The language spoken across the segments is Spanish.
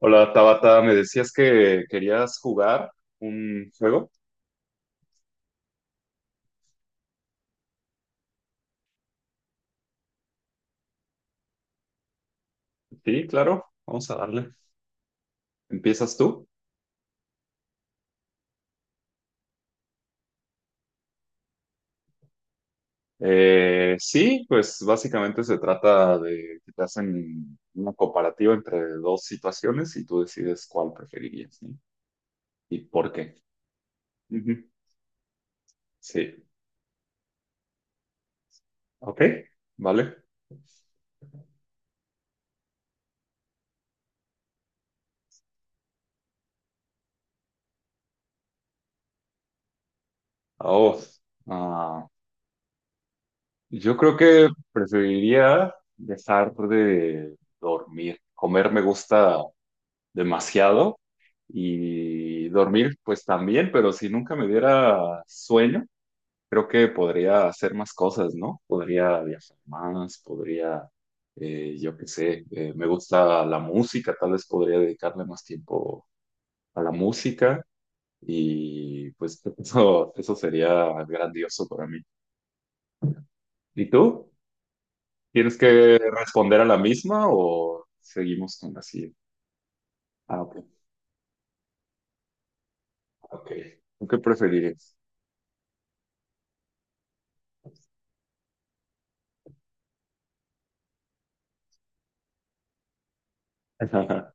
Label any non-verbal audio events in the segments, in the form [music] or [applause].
Hola Tabata, me decías que querías jugar un juego. Sí, claro, vamos a darle. ¿Empiezas tú? Sí, pues básicamente se trata de que te hacen una comparativa entre dos situaciones y tú decides cuál preferirías, ¿sí? ¿Y por qué? Ujú. Sí, ok, vale. Ah, Oh, ah, yo creo que preferiría dejar de dormir. Comer me gusta demasiado y dormir pues también, pero si nunca me diera sueño, creo que podría hacer más cosas, ¿no? Podría viajar más, podría, yo qué sé, me gusta la música, tal vez podría dedicarle más tiempo a la música y pues [laughs] eso sería grandioso para mí. ¿Y tú? ¿Tienes que responder a la misma o seguimos con la siguiente? Ah, ok. Ok. ¿Tú qué preferirías? [laughs]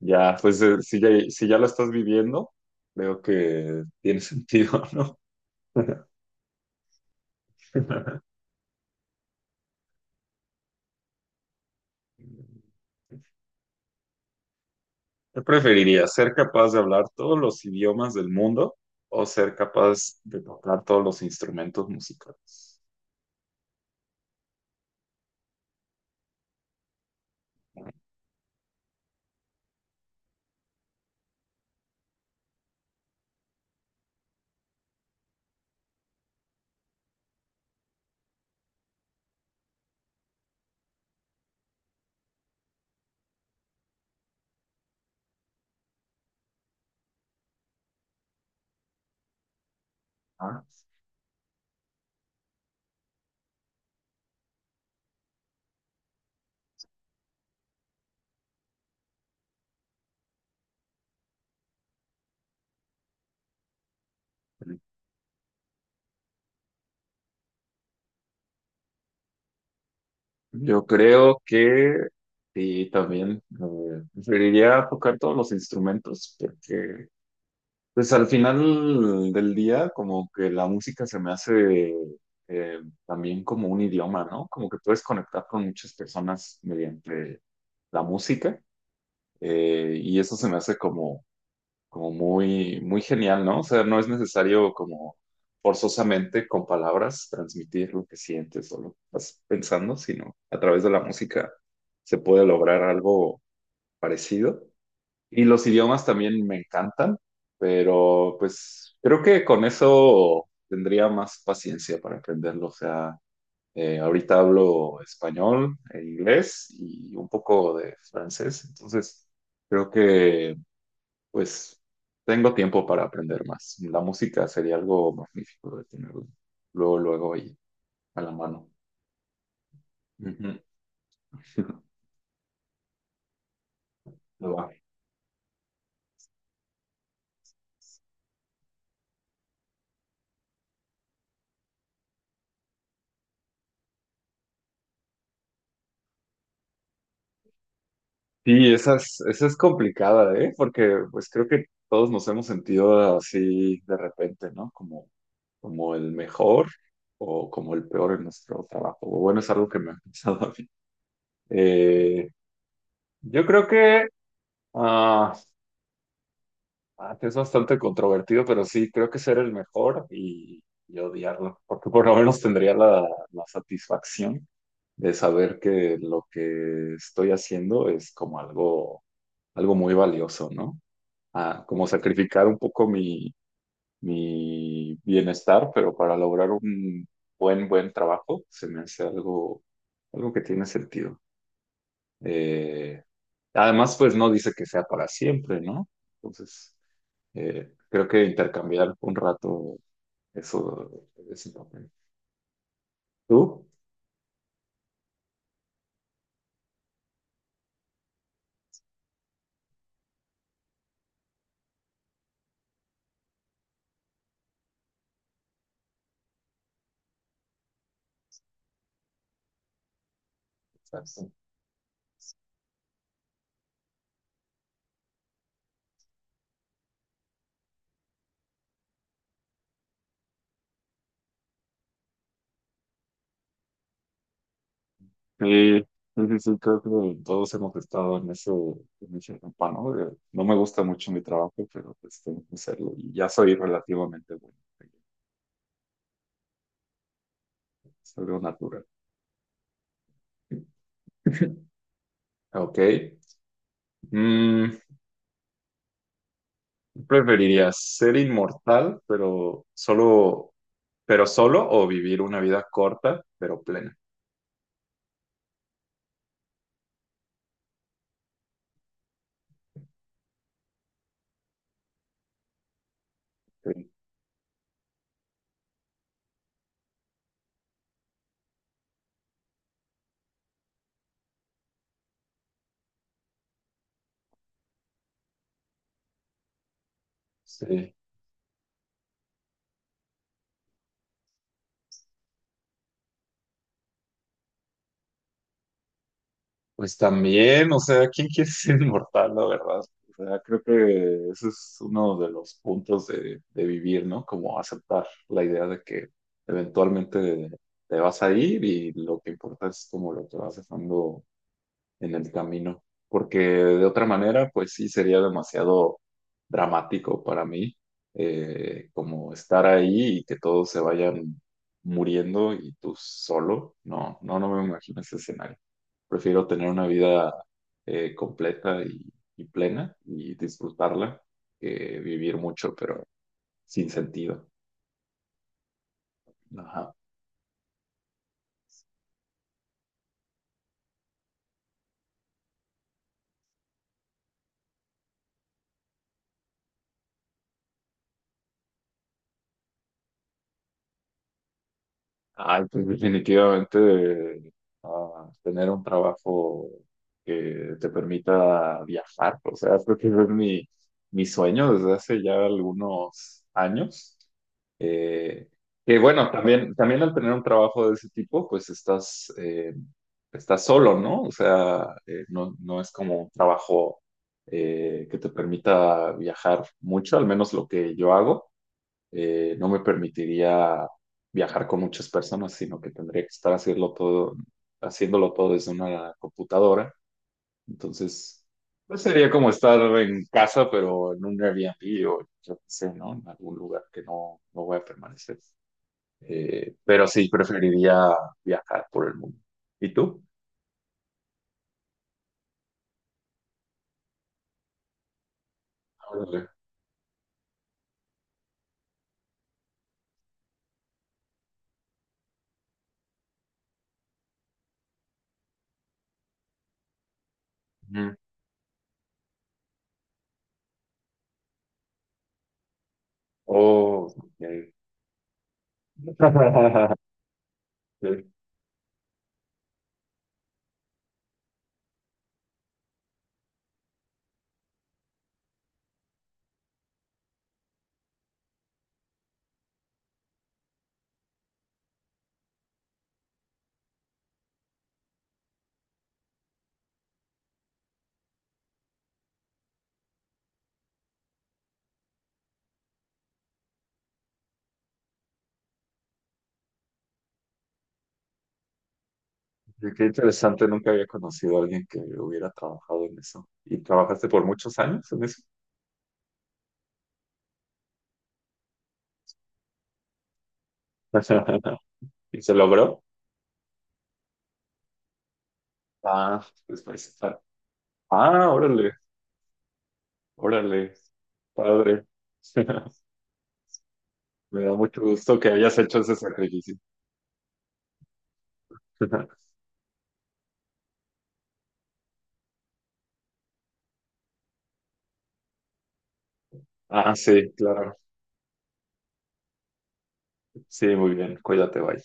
Ya, pues si ya lo estás viviendo, veo que tiene sentido, [laughs] ¿no? ¿Qué preferirías? ¿Ser capaz de hablar todos los idiomas del mundo o ser capaz de tocar todos los instrumentos musicales? Ah, sí. Yo creo que sí, también preferiría tocar todos los instrumentos porque pues al final del día, como que la música se me hace también como un idioma, ¿no? Como que puedes conectar con muchas personas mediante la música, y eso se me hace como, como muy, muy genial, ¿no? O sea, no es necesario como forzosamente con palabras transmitir lo que sientes o lo que estás pensando, sino a través de la música se puede lograr algo parecido. Y los idiomas también me encantan, pero pues creo que con eso tendría más paciencia para aprenderlo. O sea, ahorita hablo español, e inglés y un poco de francés, entonces creo que pues tengo tiempo para aprender más. La música sería algo magnífico de tener luego, luego ahí a la mano. Ujú. [laughs] Sí, esa es complicada, ¿eh? Porque pues creo que todos nos hemos sentido así de repente, ¿no? Como el mejor o como el peor en nuestro trabajo. O bueno, es algo que me ha pasado a mí. Eh, yo creo que ah, ah, Es bastante controvertido, pero sí, creo que ser el mejor y odiarlo, porque por lo menos tendría la satisfacción de saber que lo que estoy haciendo es como algo muy valioso, ¿no? A como sacrificar un poco mi bienestar, pero para lograr un buen trabajo, se me hace algo que tiene sentido. Eh, Además, pues no dice que sea para siempre, ¿no? Entonces, creo que intercambiar un rato eso, ese papel. ¿Tú? Sí, sí, sí, sí, creo que todos hemos estado en en ese etapa, ¿no? De, no me gusta mucho mi trabajo, pero pues tengo que hacerlo y ya soy relativamente bueno. Es algo natural. [laughs] Ok. Mm, ¿preferirías ser inmortal, pero solo o vivir una vida corta, pero plena? Sí, sí. Pues también, o sea, ¿quién quiere ser [laughs] inmortal, la verdad? O sea, creo que ese es uno de los puntos de vivir, ¿no? Como aceptar la idea de que eventualmente te vas a ir y lo que importa es como lo que vas dejando en el camino, porque de otra manera, pues sí sería demasiado dramático para mí, como estar ahí y que todos se vayan muriendo y tú solo. No, no, no me imagino ese escenario. Prefiero tener una vida completa y plena y disfrutarla que vivir mucho, pero sin sentido. Ajá. Ay, pues definitivamente tener un trabajo que te permita viajar, o sea, creo que es mi sueño desde hace ya algunos años. Eh, que bueno, también, también al tener un trabajo de ese tipo, pues estás solo, ¿no? O sea, no es como un trabajo que te permita viajar mucho, al menos lo que yo hago no me permitiría viajar con muchas personas, sino que tendría que estar haciéndolo todo desde una computadora. Entonces, pues sería como estar en casa, pero en un Airbnb o yo qué sé, ¿no? En algún lugar que no voy a permanecer. Pero sí, preferiría viajar por el mundo. ¿Y tú? Órale. Ujú. Oh, ok. [laughs] Oye, qué interesante, nunca había conocido a alguien que hubiera trabajado en eso. ¿Y trabajaste por muchos años en eso? [laughs] ¿Y se logró? Ah, pues, pues, está- Ah, órale, órale, padre. [laughs] Me da mucho gusto que hayas hecho ese sacrificio. [laughs] Ah, sí, claro. Sí, muy bien, cuídate, bye.